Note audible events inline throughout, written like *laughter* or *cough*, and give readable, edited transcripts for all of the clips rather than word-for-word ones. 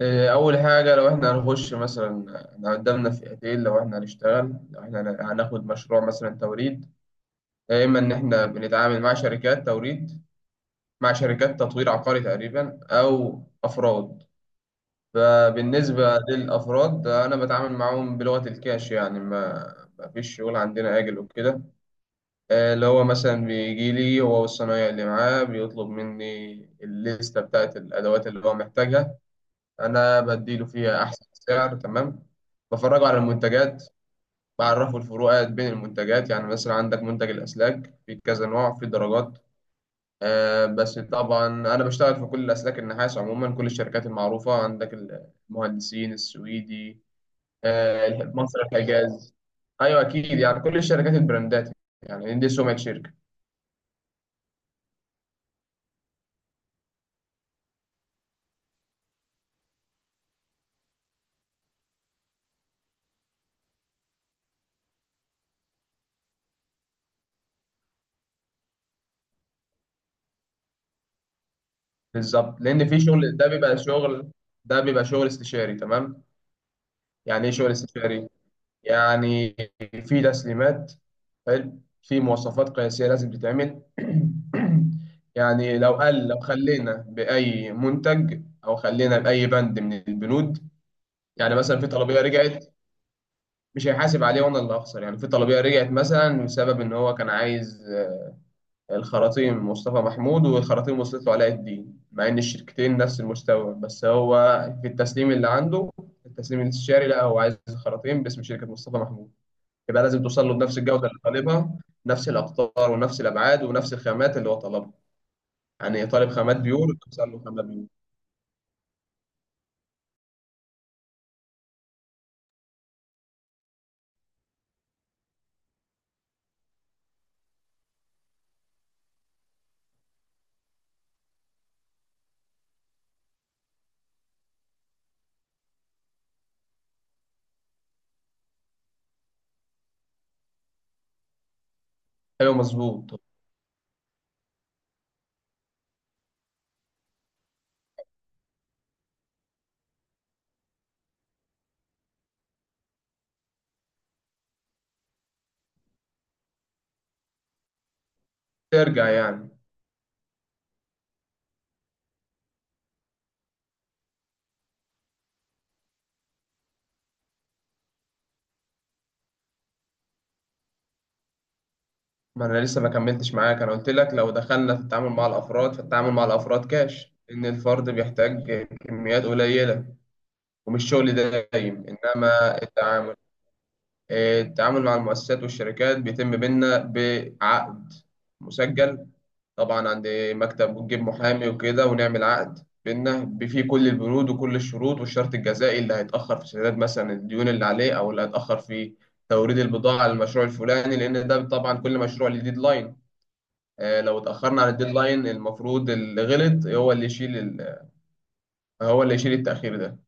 إيه، أول حاجة لو إحنا هنخش مثلا. إحنا قدامنا فئتين، لو إحنا هنشتغل، لو إحنا هناخد مشروع مثلا توريد. يا إما إن إحنا بنتعامل مع شركات توريد، مع شركات تطوير عقاري تقريبا، أو أفراد. فبالنسبة للأفراد أنا بتعامل معاهم بلغة الكاش، يعني ما فيش شغل عندنا آجل وكده. اللي هو مثلا بيجي لي هو والصنايعي اللي معاه، بيطلب مني الليستة بتاعت الأدوات اللي هو محتاجها. انا بديله فيها احسن سعر، تمام. بفرجه على المنتجات، بعرفه الفروقات بين المنتجات. يعني مثلا عندك منتج الاسلاك في كذا نوع، في درجات. آه بس طبعا انا بشتغل في كل الاسلاك النحاس عموما، كل الشركات المعروفه عندك، المهندسين السويدي، آه، مصر، الحجاز. ايوه اكيد، يعني كل الشركات البراندات، يعني دي سمعه شركه. بالظبط، لان في شغل، ده بيبقى شغل استشاري، تمام. يعني ايه شغل استشاري؟ يعني في تسليمات، حلو، في مواصفات قياسية لازم تتعمل. *clears throat* يعني لو قال، لو خلينا بأي منتج أو خلينا بأي بند من البنود، يعني مثلا في طلبية رجعت، مش هيحاسب عليه وأنا اللي هخسر. يعني في طلبية رجعت مثلا بسبب إن هو كان عايز الخراطيم مصطفى محمود، والخراطيم وصلت له علاء الدين، مع إن الشركتين نفس المستوى، بس هو في التسليم اللي عنده، التسليم الاستشاري لا، هو عايز الخراطيم باسم شركة مصطفى محمود. يبقى لازم توصل له بنفس الجودة اللي طالبها، نفس الأقطار ونفس الأبعاد ونفس الخامات اللي هو طلبها. يعني طالب خامات بيور، توصل له خامات بيور. أيوه مظبوط. ترجع يعني. ما أنا لسه ما كملتش معاك، أنا قلت لك لو دخلنا في التعامل مع الأفراد، فالتعامل مع الأفراد كاش، إن الفرد بيحتاج كميات قليلة ومش شغل دايم. إنما التعامل، التعامل مع المؤسسات والشركات بيتم بينا بعقد مسجل، طبعا عند مكتب، ونجيب محامي وكده، ونعمل عقد بينا فيه كل البنود وكل الشروط والشرط الجزائي، اللي هيتأخر في سداد مثلا الديون اللي عليه، أو اللي هيتأخر في توريد البضاعة للمشروع الفلاني، لأن ده طبعا كل مشروع ليه ديدلاين. لو اتأخرنا عن الديدلاين، المفروض اللي غلط هو اللي يشيل، ال... هو اللي يشيل التأخير ده.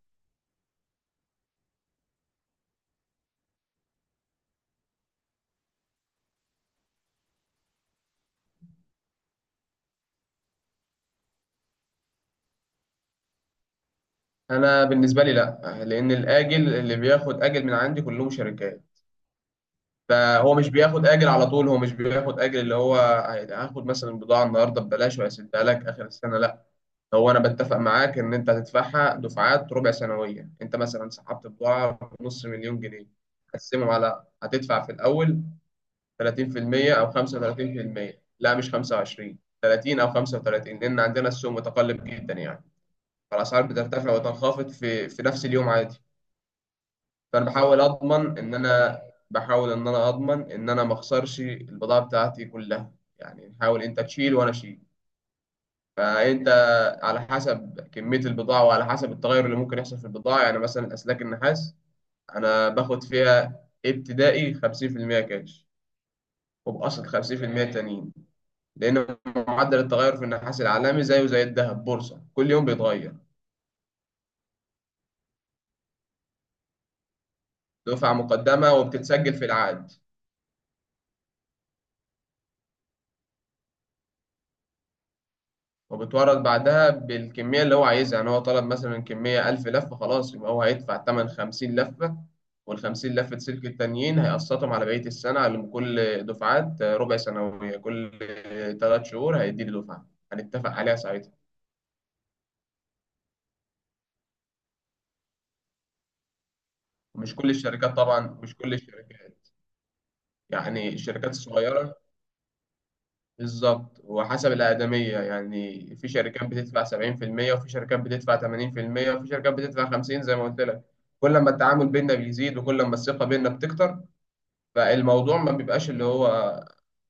أنا بالنسبة لي لأ، لأن الآجل اللي بياخد آجل من عندي كلهم شركات. فهو مش بياخد اجر على طول، هو مش بياخد اجر اللي هو هاخد مثلا بضاعه النهارده ببلاش وهسدها لك اخر السنه، لا. هو انا بتفق معاك ان انت هتدفعها دفعات ربع سنويه. انت مثلا سحبت بضاعه بنص مليون جنيه، هتقسمهم على، هتدفع في الاول 30% او 35%. لا مش 25، 30 او 35، لان عندنا السوق متقلب جدا يعني، فالاسعار بترتفع وتنخفض في نفس اليوم عادي. فانا بحاول اضمن ان انا، بحاول ان انا اضمن ان انا ما اخسرش البضاعه بتاعتي كلها. يعني نحاول انت تشيل وانا اشيل. فانت على حسب كميه البضاعه، وعلى حسب التغير اللي ممكن يحصل في البضاعه. يعني مثلا اسلاك النحاس انا باخد فيها ابتدائي 50% كاش، وبأصل 50% تانيين، لأن معدل التغير في النحاس العالمي زيه زي الذهب، بورصة، كل يوم بيتغير. دفعة مقدمة وبتتسجل في العقد، وبتورد بعدها بالكمية اللي هو عايزها. يعني هو طلب مثلا كمية ألف لفة، خلاص يبقى هو هيدفع تمن خمسين لفة، والخمسين لفة سلك التانيين هيقسطهم على بقية السنة على كل دفعات ربع سنوية. كل تلات شهور هيديني دفعة، هنتفق عليها ساعتها. ومش كل الشركات طبعا، مش كل الشركات، يعني الشركات الصغيرة. بالظبط وحسب الأقدمية، يعني في شركات بتدفع 70%، وفي شركات بتدفع 80%، وفي شركات بتدفع 50 زي ما قلت لك. كل ما التعامل بيننا بيزيد، وكل ما الثقة بيننا بتكتر، فالموضوع ما بيبقاش اللي هو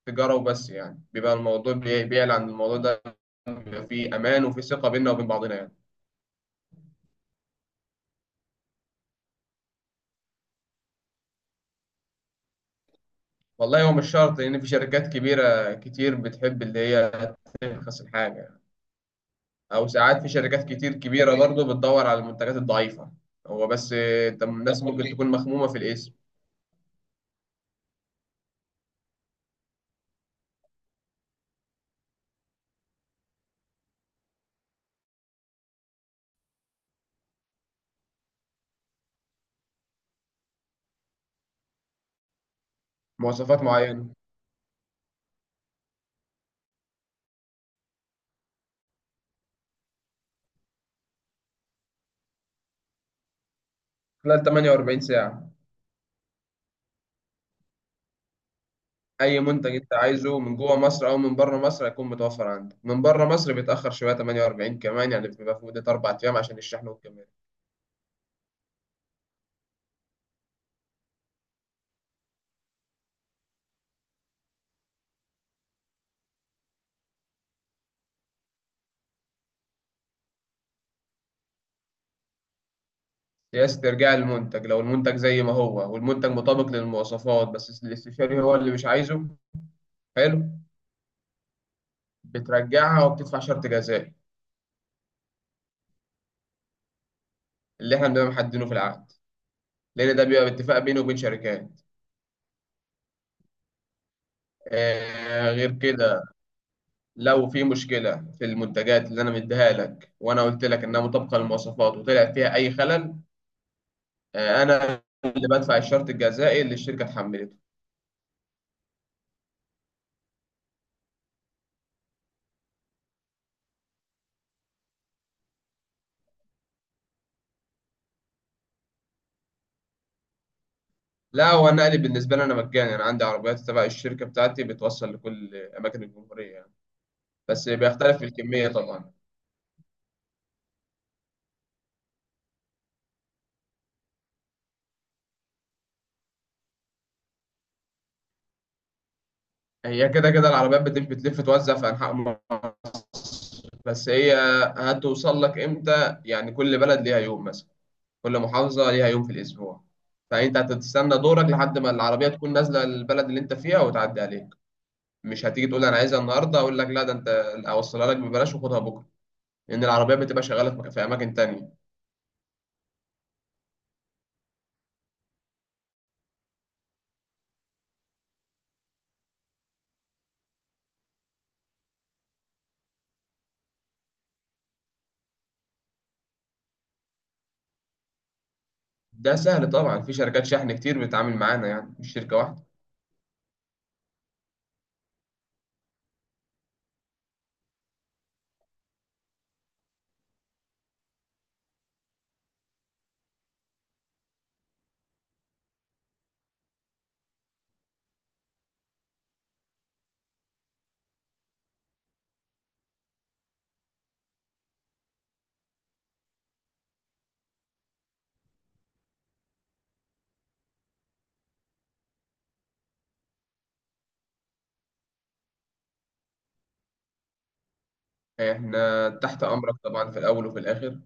تجارة وبس يعني. بيبقى الموضوع بيعلى عن الموضوع ده، بيبقى فيه أمان وفي ثقة بيننا وبين بعضنا يعني. والله هو مش شرط، لأن في شركات كبيرة كتير بتحب اللي هي ترخص الحاجة، او ساعات في شركات كتير كبيره برضه بتدور على المنتجات الضعيفه. هو بس الناس ممكن تكون مخمومه في الاسم. مواصفات معينه، خلال 48 ساعه. اي منتج انت عايزه من جوه مصر او من بره مصر هيكون متوفر عندك. من بره مصر بيتاخر شويه، 48 كمان، يعني بتبقى في مده اربع ايام عشان الشحن والكمال. سياسه ارجاع المنتج، لو المنتج زي ما هو والمنتج مطابق للمواصفات، بس الاستشاري هو اللي مش عايزه، حلو، بترجعها وبتدفع شرط جزائي اللي احنا بنبقى محددينه في العقد، لان ده بيبقى باتفاق بينه وبين شركات. غير كده، لو في مشكلة في المنتجات اللي أنا مديها لك، وأنا قلت لك إنها مطابقة للمواصفات وطلع فيها أي خلل، أنا اللي بدفع الشرط الجزائي اللي الشركة اتحملته. لا هو النقل بالنسبة لي أنا مجاني، أنا عندي عربيات تبع الشركة بتاعتي بتوصل لكل أماكن الجمهورية يعني، بس بيختلف في الكمية طبعا. هي كده كده العربيات بتلف توزع في أنحاء مصر، بس هي هتوصل لك إمتى. يعني كل بلد ليها يوم مثلا، كل محافظة ليها يوم في الأسبوع، فأنت هتستنى دورك لحد ما العربية تكون نازلة البلد اللي أنت فيها وتعدي عليك. مش هتيجي تقول أنا عايزها النهاردة، أقول لك لا، ده أنت أوصلها لك ببلاش وخدها بكرة، لأن العربية بتبقى شغالة في أماكن تانية. ده سهل طبعا، في شركات شحن كتير بتتعامل معانا يعني، مش شركة واحدة. إحنا تحت أمرك طبعا في الأول وفي الآخر،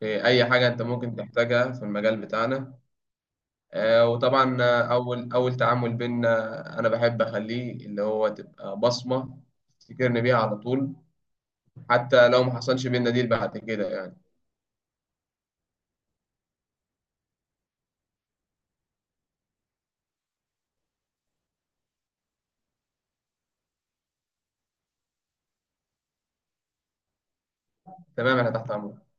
في أي حاجة أنت ممكن تحتاجها في المجال بتاعنا. وطبعا أول أول تعامل بينا أنا بحب أخليه اللي هو تبقى بصمة تفتكرني بيها على طول، حتى لو ما حصلش بينا ديل بعد كده يعني. تمام انا تحت امرك.